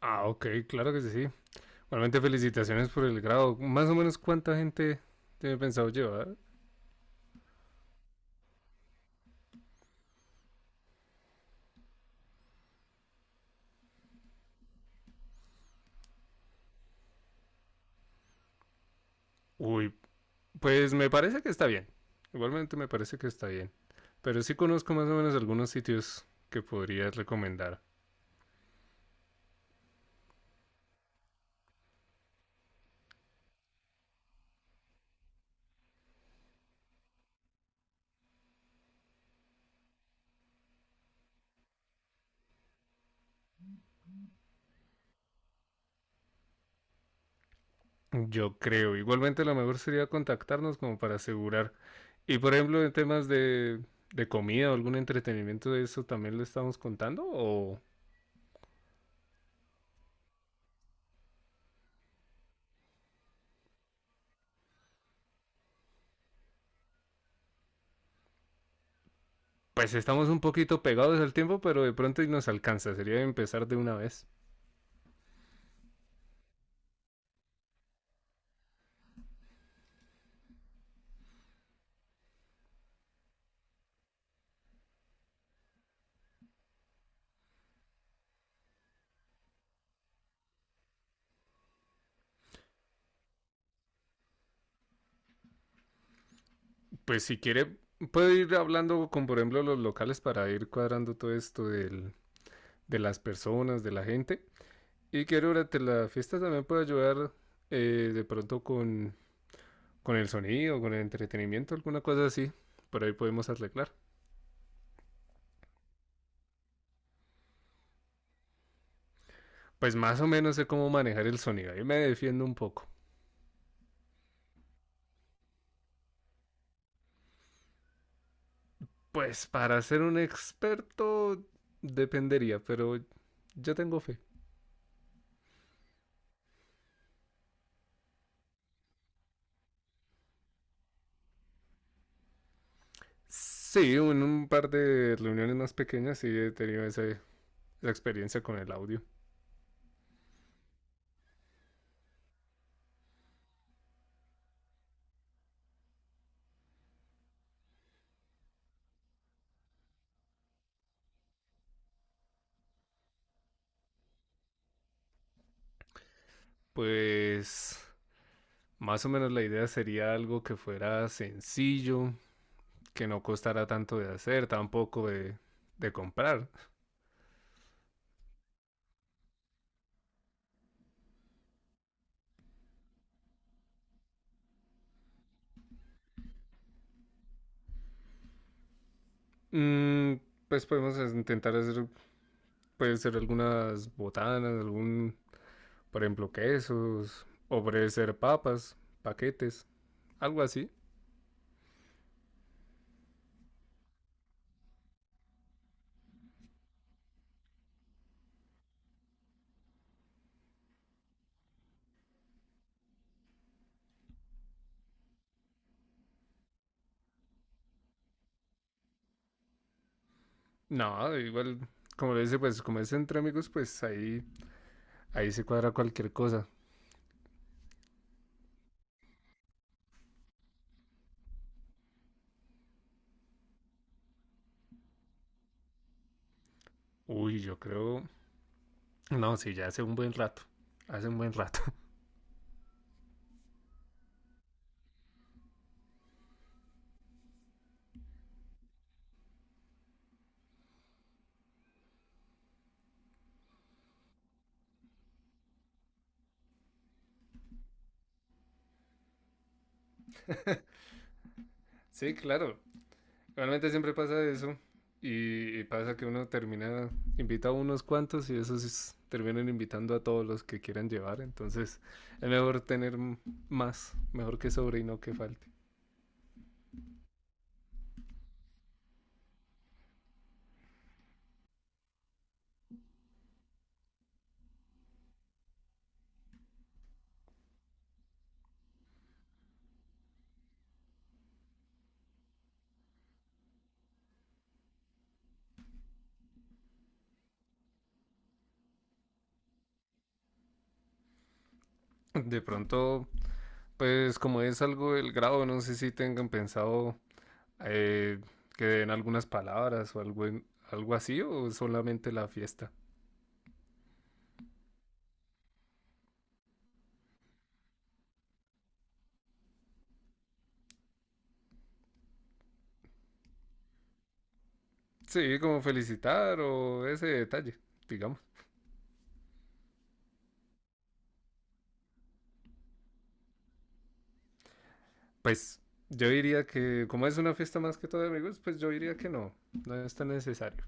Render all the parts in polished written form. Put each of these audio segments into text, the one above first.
Ah, ok, claro que sí, sí. Igualmente felicitaciones por el grado. Más o menos cuánta gente tiene pensado llevar. Uy, pues me parece que está bien. Igualmente me parece que está bien. Pero sí conozco más o menos algunos sitios que podrías recomendar. Yo creo. Igualmente lo mejor sería contactarnos como para asegurar. Y por ejemplo, en temas de comida o algún entretenimiento de eso, ¿también lo estamos contando? O pues estamos un poquito pegados al tiempo, pero de pronto y nos alcanza. Sería empezar de una vez. Pues si quiere, puede ir hablando con, por ejemplo, los locales para ir cuadrando todo esto de las personas, de la gente. Y que durante la fiesta también puede ayudar de pronto con el sonido, con el entretenimiento, alguna cosa así. Por ahí podemos arreglar. Pues más o menos sé cómo manejar el sonido. Ahí me defiendo un poco. Pues para ser un experto dependería, pero yo tengo fe. Sí, en un par de reuniones más pequeñas sí he tenido esa experiencia con el audio. Pues más o menos la idea sería algo que fuera sencillo, que no costara tanto de hacer, tampoco de comprar. Mm, pues podemos intentar hacer, puede ser algunas botanas, algún, por ejemplo, quesos, o puede ser papas, paquetes, algo así. No, igual, como le dice, pues como es entre amigos, pues ahí, ahí se cuadra cualquier cosa. Uy, yo creo, no, sí, ya hace un buen rato, hace un buen rato. Sí, claro, realmente siempre pasa eso. Y pasa que uno termina, invita a unos cuantos y terminan invitando a todos los que quieran llevar. Entonces es mejor más, mejor que sobre y no que falte. De pronto, pues como es algo del grado, no sé si tengan pensado eh, que den algunas palabras o algo, algo así o solamente la fiesta. Sí, como felicitar o ese detalle, digamos. Pues yo diría que, como es una fiesta más que todo de amigos, pues yo diría que no, no es tan necesario.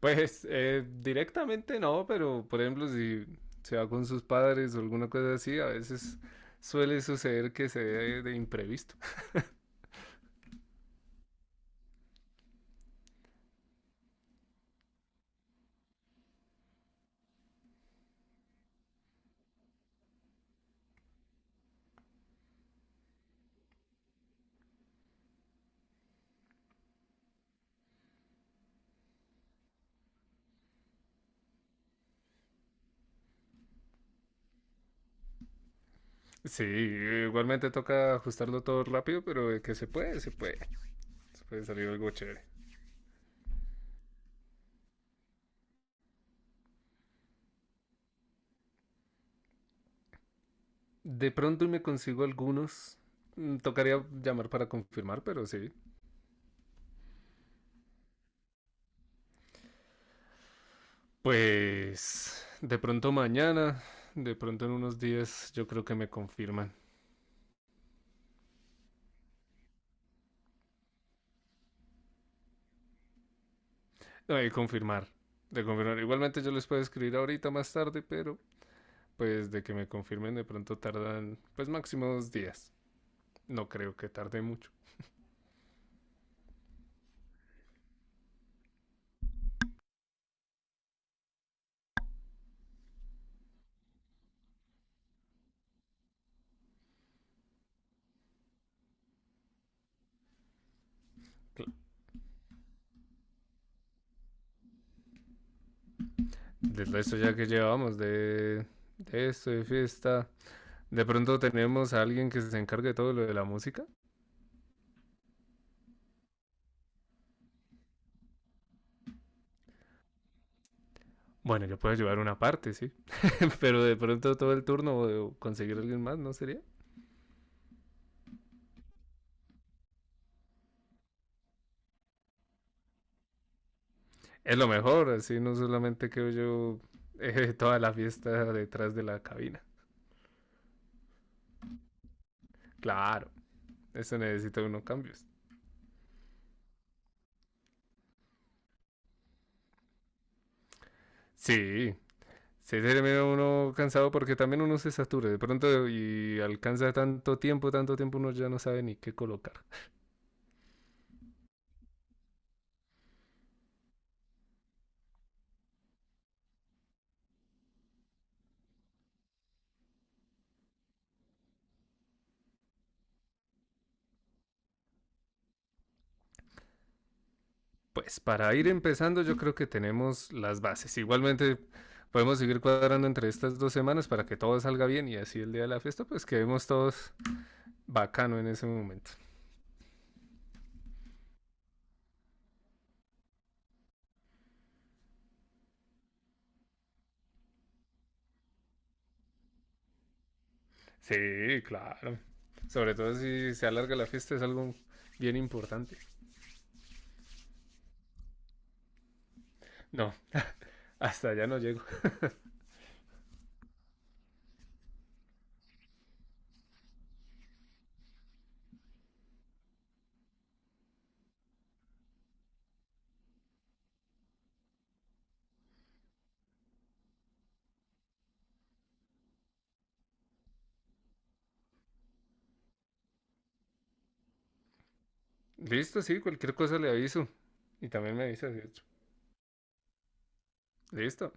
Pues directamente no, pero por ejemplo, si se va con sus padres o alguna cosa así, a veces suele suceder que se dé de imprevisto. Sí, igualmente toca ajustarlo todo rápido, pero de que se puede, se puede. Se puede salir algo chévere. De pronto me consigo algunos. Tocaría llamar para confirmar, pero sí, pues de pronto mañana, de pronto en unos días, yo creo que me confirman. No, de confirmar, de confirmar. Igualmente yo les puedo escribir ahorita más tarde, pero pues de que me confirmen de pronto tardan pues máximo 2 días. No creo que tarde mucho. Del resto ya que llevamos de esto, de fiesta, de pronto tenemos a alguien que se encargue de todo lo de la música. Bueno, yo puedo llevar una parte, sí. pero de pronto todo el turno o conseguir a alguien más, ¿no sería? Es lo mejor, así no solamente creo yo toda la fiesta detrás de la cabina. Claro, eso necesita unos cambios. Sí, se termina uno cansado porque también uno se satura de pronto y alcanza tanto tiempo uno ya no sabe ni qué colocar. Pues para ir empezando yo creo que tenemos las bases. Igualmente podemos seguir cuadrando entre estas 2 semanas para que todo salga bien y así el día de la fiesta pues quedemos todos bacano en ese momento. Sí, claro. Sobre todo si se alarga la fiesta es algo bien importante. No, hasta allá no llego. Listo, sí, cualquier cosa le aviso. Y también me avisas, de hecho. Listo.